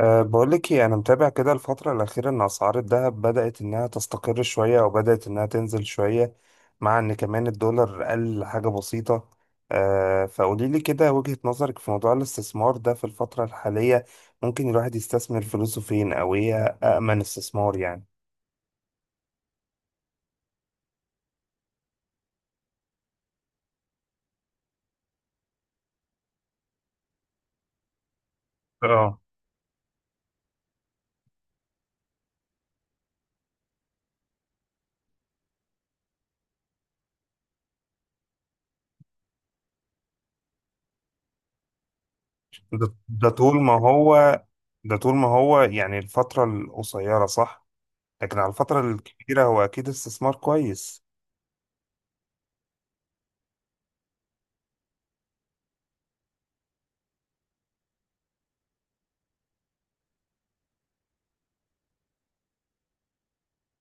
بقولك ايه، انا متابع كده الفترة الأخيرة ان اسعار الذهب بدأت انها تستقر شوية او بدأت انها تنزل شوية، مع ان كمان الدولار قل حاجة بسيطة. فقوليلي كده وجهة نظرك في موضوع الاستثمار ده في الفترة الحالية. ممكن الواحد يستثمر فلوسه فين، او ايه أأمن استثمار يعني؟ اه. ده ده طول ما هو ده طول ما هو، يعني الفترة القصيرة، صح؟ لكن على الفترة الكبيرة هو اكيد استثمار كويس.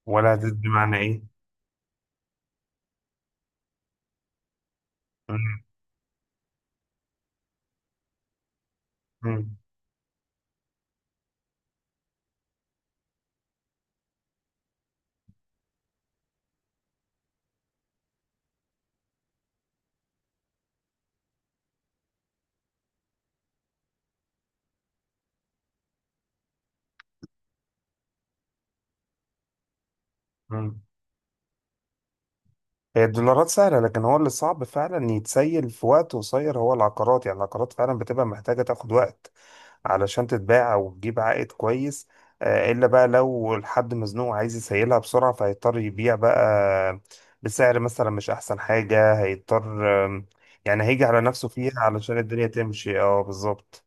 ولا ده بمعنى ايه؟ مم، مم، مم. هي الدولارات سهلة، لكن هو اللي صعب فعلا يتسيل في وقت قصير هو العقارات. يعني العقارات فعلا بتبقى محتاجة تاخد وقت علشان تتباع أو تجيب عائد كويس. إلا بقى لو الحد مزنوق عايز يسيلها بسرعة، فهيضطر يبيع بقى بسعر مثلا مش أحسن حاجة، هيضطر. آم، يعني هيجي على نفسه فيها علشان الدنيا تمشي. اه، بالظبط.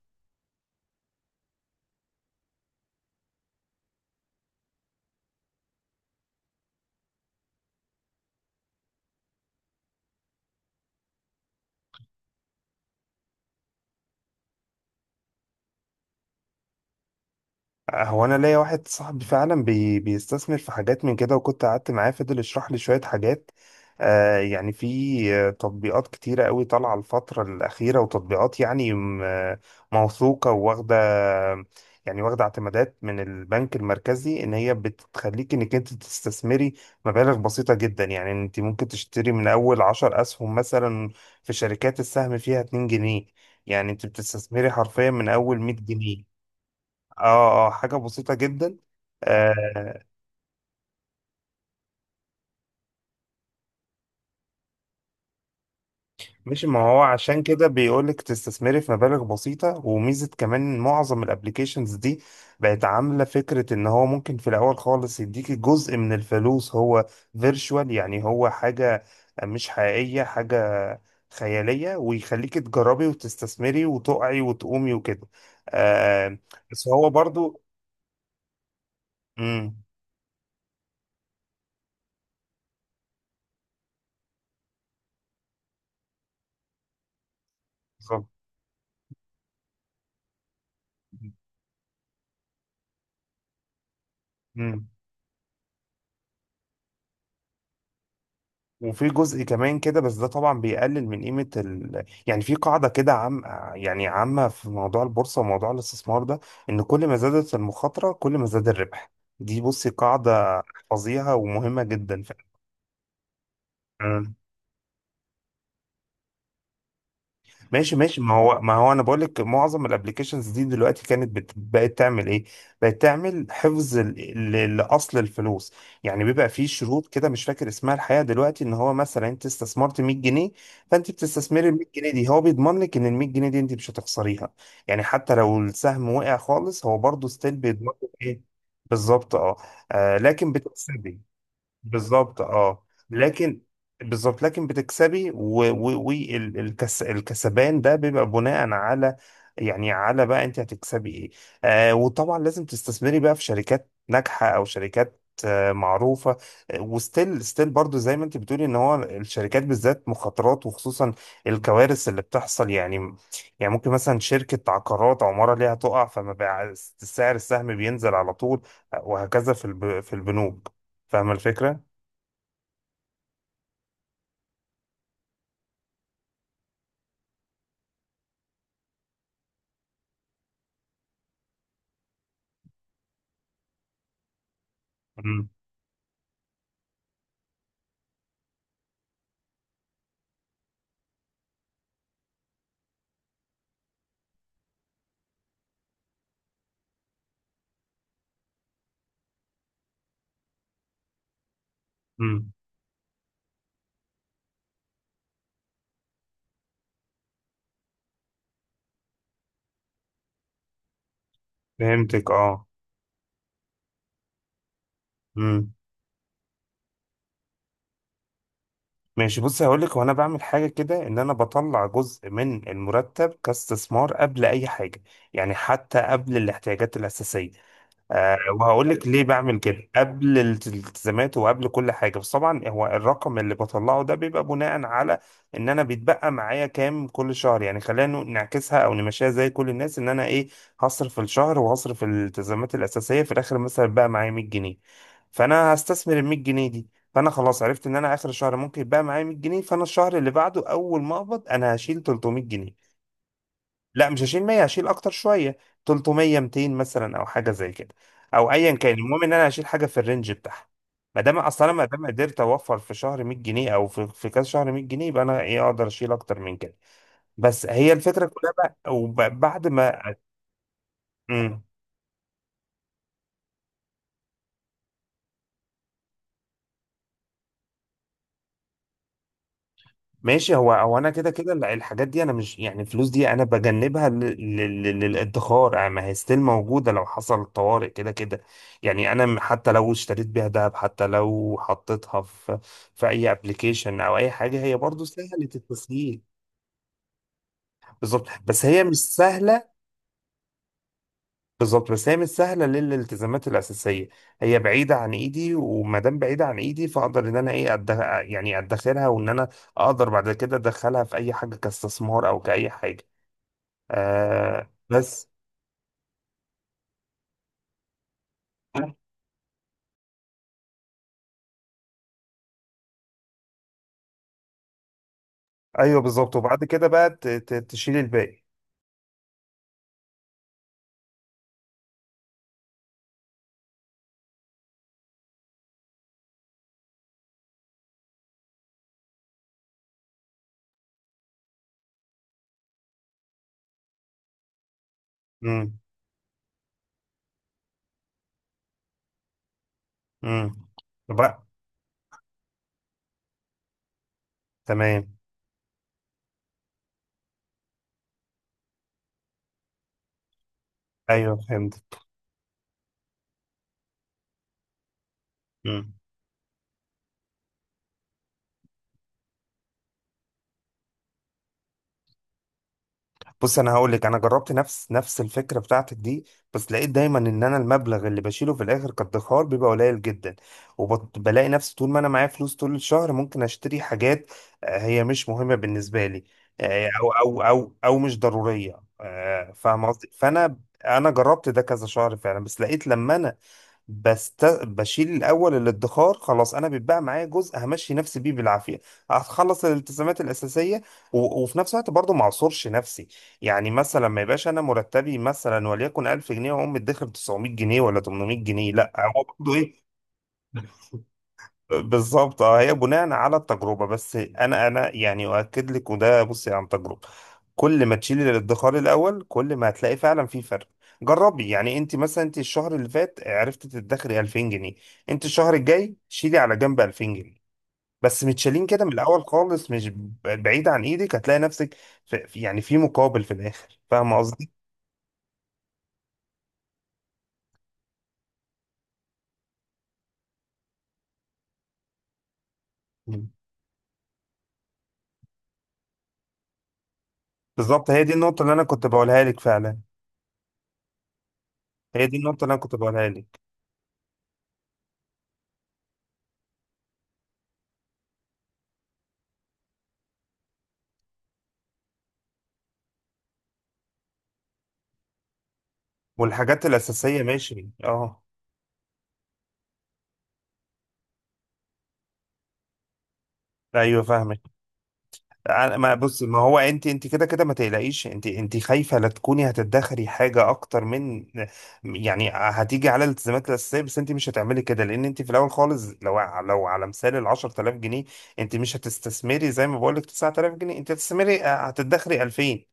هو انا ليا واحد صاحبي فعلا بيستثمر في حاجات من كده، وكنت قعدت معاه فضل يشرح لي شوية حاجات. آه يعني في آه، تطبيقات كتيرة قوي طالعة الفترة الأخيرة، وتطبيقات يعني موثوقة وواخدة يعني واخدة اعتمادات من البنك المركزي، إن هي بتخليك إنك أنت تستثمري مبالغ بسيطة جدا. يعني أنت ممكن تشتري من أول 10 أسهم مثلا في شركات السهم فيها 2 جنيه. يعني أنت بتستثمري حرفيا من أول 100 جنيه. اه اه، حاجة بسيطة جدا. آه مش، ما هو عشان كده بيقولك تستثمري في مبالغ بسيطة، وميزة كمان معظم الابليكيشنز دي بقت عاملة فكرة ان هو ممكن في الاول خالص يديكي جزء من الفلوس هو فيرتشوال، يعني هو حاجة مش حقيقية، حاجة خيالية، ويخليكي تجربي وتستثمري وتقعي وتقومي وكده. آه بس هو برضو. امم بالظبط. مم. وفي جزء كمان كده، بس ده طبعا بيقلل من قيمة يعني في قاعدة كده عام، يعني عامة، في موضوع البورصة وموضوع الاستثمار ده، إن كل ما زادت المخاطرة كل ما زاد الربح. دي بصي قاعدة، حفظيها ومهمة جدا. فعلا. ماشي ماشي، ما هو انا بقول لك معظم الابلكيشنز دي دلوقتي كانت بقت تعمل ايه، بقت تعمل حفظ لاصل الفلوس. يعني بيبقى في شروط كده مش فاكر اسمها الحقيقه دلوقتي، ان هو مثلا انت استثمرت 100 جنيه، فانت بتستثمري ال 100 جنيه دي، هو بيضمن لك ان ال 100 جنيه دي انت مش هتخسريها. يعني حتى لو السهم وقع خالص، هو برضه ستيل بيضمن لك ايه؟ بالظبط اه. لكن بتكسبي. بالظبط اه لكن بالظبط لكن بتكسبي، والكسبان ده بيبقى بناء على، يعني على بقى انت هتكسبي ايه. وطبعا لازم تستثمري بقى في شركات ناجحة او شركات معروفة. وستيل برضو زي ما انت بتقولي ان هو الشركات بالذات مخاطرات، وخصوصا الكوارث اللي بتحصل. يعني، يعني ممكن مثلا شركة عقارات عمارة ليها تقع، فما بقى سعر السهم بينزل على طول، وهكذا في البنوك. فاهمة الفكرة؟ مم. مم. فهمتك اه. مم. ماشي، بص هقول لك وانا بعمل حاجه كده، ان انا بطلع جزء من المرتب كاستثمار قبل اي حاجه، يعني حتى قبل الاحتياجات الاساسيه. وهقول لك ليه بعمل كده قبل الالتزامات وقبل كل حاجه، بس طبعا هو الرقم اللي بطلعه ده بيبقى بناء على ان انا بيتبقى معايا كام كل شهر. يعني خلينا نعكسها او نمشيها زي كل الناس، ان انا ايه، هصرف الشهر وهصرف الالتزامات الاساسيه في الاخر، مثلا بقى معايا 100 جنيه، فانا هستثمر ال 100 جنيه دي. فانا خلاص عرفت ان انا اخر الشهر ممكن يبقى معايا 100 جنيه، فانا الشهر اللي بعده اول ما اقبض انا هشيل 300 جنيه. لا، مش هشيل 100، هشيل اكتر شويه، 300، 200 مثلا، او حاجه زي كده، او ايا كان. المهم ان انا هشيل حاجه في الرينج بتاعها. ما دام قدرت اوفر في شهر 100 جنيه، او في كذا شهر 100 جنيه، يبقى انا ايه، اقدر اشيل اكتر من كده. بس هي الفكره كلها بقى، وبعد ما... مم. ماشي، هو انا كده كده الحاجات دي انا مش، يعني الفلوس دي انا بجنبها للادخار. يعني ما هي ستيل موجوده لو حصل طوارئ كده كده. يعني انا حتى لو اشتريت بيها دهب، حتى لو حطيتها في اي ابلكيشن او اي حاجه، هي برضو سهله التسجيل. بالظبط بس هي مش سهله بالظبط، بس هي مش سهله للالتزامات الاساسيه. هي بعيده عن ايدي، وما دام بعيده عن ايدي، فاقدر ان انا ايه، يعني ادخرها، وان انا اقدر بعد كده ادخلها في اي حاجه كاستثمار او كاي حاجه. آه بس ايوه بالظبط، وبعد كده بقى تشيل الباقي. امم امم بقى تمام. ايوه فهمت. بص، انا هقول لك، انا جربت نفس الفكره بتاعتك دي، بس لقيت دايما ان انا المبلغ اللي بشيله في الاخر كادخار بيبقى قليل جدا، وبلاقي نفسي طول ما انا معايا فلوس طول الشهر ممكن اشتري حاجات هي مش مهمه بالنسبه لي، او مش ضروريه، فاهم قصدي. فانا انا جربت ده كذا شهر فعلا، بس لقيت لما انا بشيل الاول الادخار، خلاص انا بيتبقى معايا جزء همشي نفسي بيه بالعافيه، هخلص الالتزامات الاساسيه، وفي نفس الوقت برضه ما اعصرش نفسي. يعني مثلا ما يبقاش انا مرتبي مثلا وليكن 1000 جنيه، واقوم مدخر 900 جنيه ولا 800 جنيه، لا، هو برضه ايه، بالظبط اه. هي بناء على التجربه، بس انا يعني اؤكد لك، وده بصي عن تجربه، كل ما تشيلي الادخار الاول كل ما هتلاقي فعلا في فرق. جربي، يعني انت الشهر اللي فات عرفتي تدخري 2000 جنيه، انت الشهر الجاي شيلي على جنب 2000 جنيه، بس متشالين كده من الاول خالص، مش بعيد عن ايدك، هتلاقي نفسك يعني في مقابل في الاخر، فاهمه قصدي. بالظبط، هي دي النقطة اللي أنا كنت بقولها لك فعلا. هي دي النقطة اللي أنا كنت بقولها لك. والحاجات الأساسية، ماشي أه. أيوه فاهمك. ما، بص، ما هو أنت كده كده ما تقلقيش، أنت خايفة لا تكوني هتدخري حاجة أكتر من، يعني هتيجي على الالتزامات الأساسية. بس أنت مش هتعملي كده، لأن أنت في الأول خالص لو على مثال ال 10000 جنيه، أنت مش هتستثمري زي ما بقول لك 9000 جنيه، أنت هتستثمري، هتدخري 2000.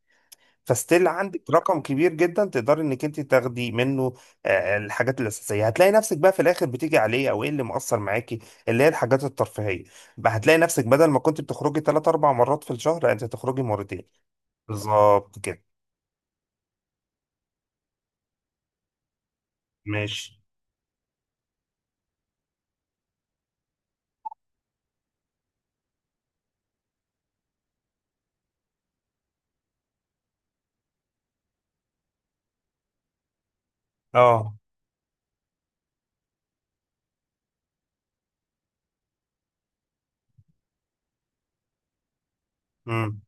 فستيل عندك رقم كبير جدا تقدر انك انت تاخدي منه الحاجات الاساسيه. هتلاقي نفسك بقى في الاخر بتيجي عليه، او ايه اللي مؤثر معاكي، اللي هي الحاجات الترفيهيه. بقى هتلاقي نفسك بدل ما كنت بتخرجي 3 4 مرات في الشهر، لا، انت تخرجي مرتين. بالظبط كده. ماشي اه. امم.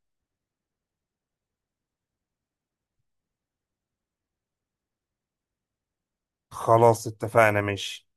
خلاص اتفقنا، ماشي.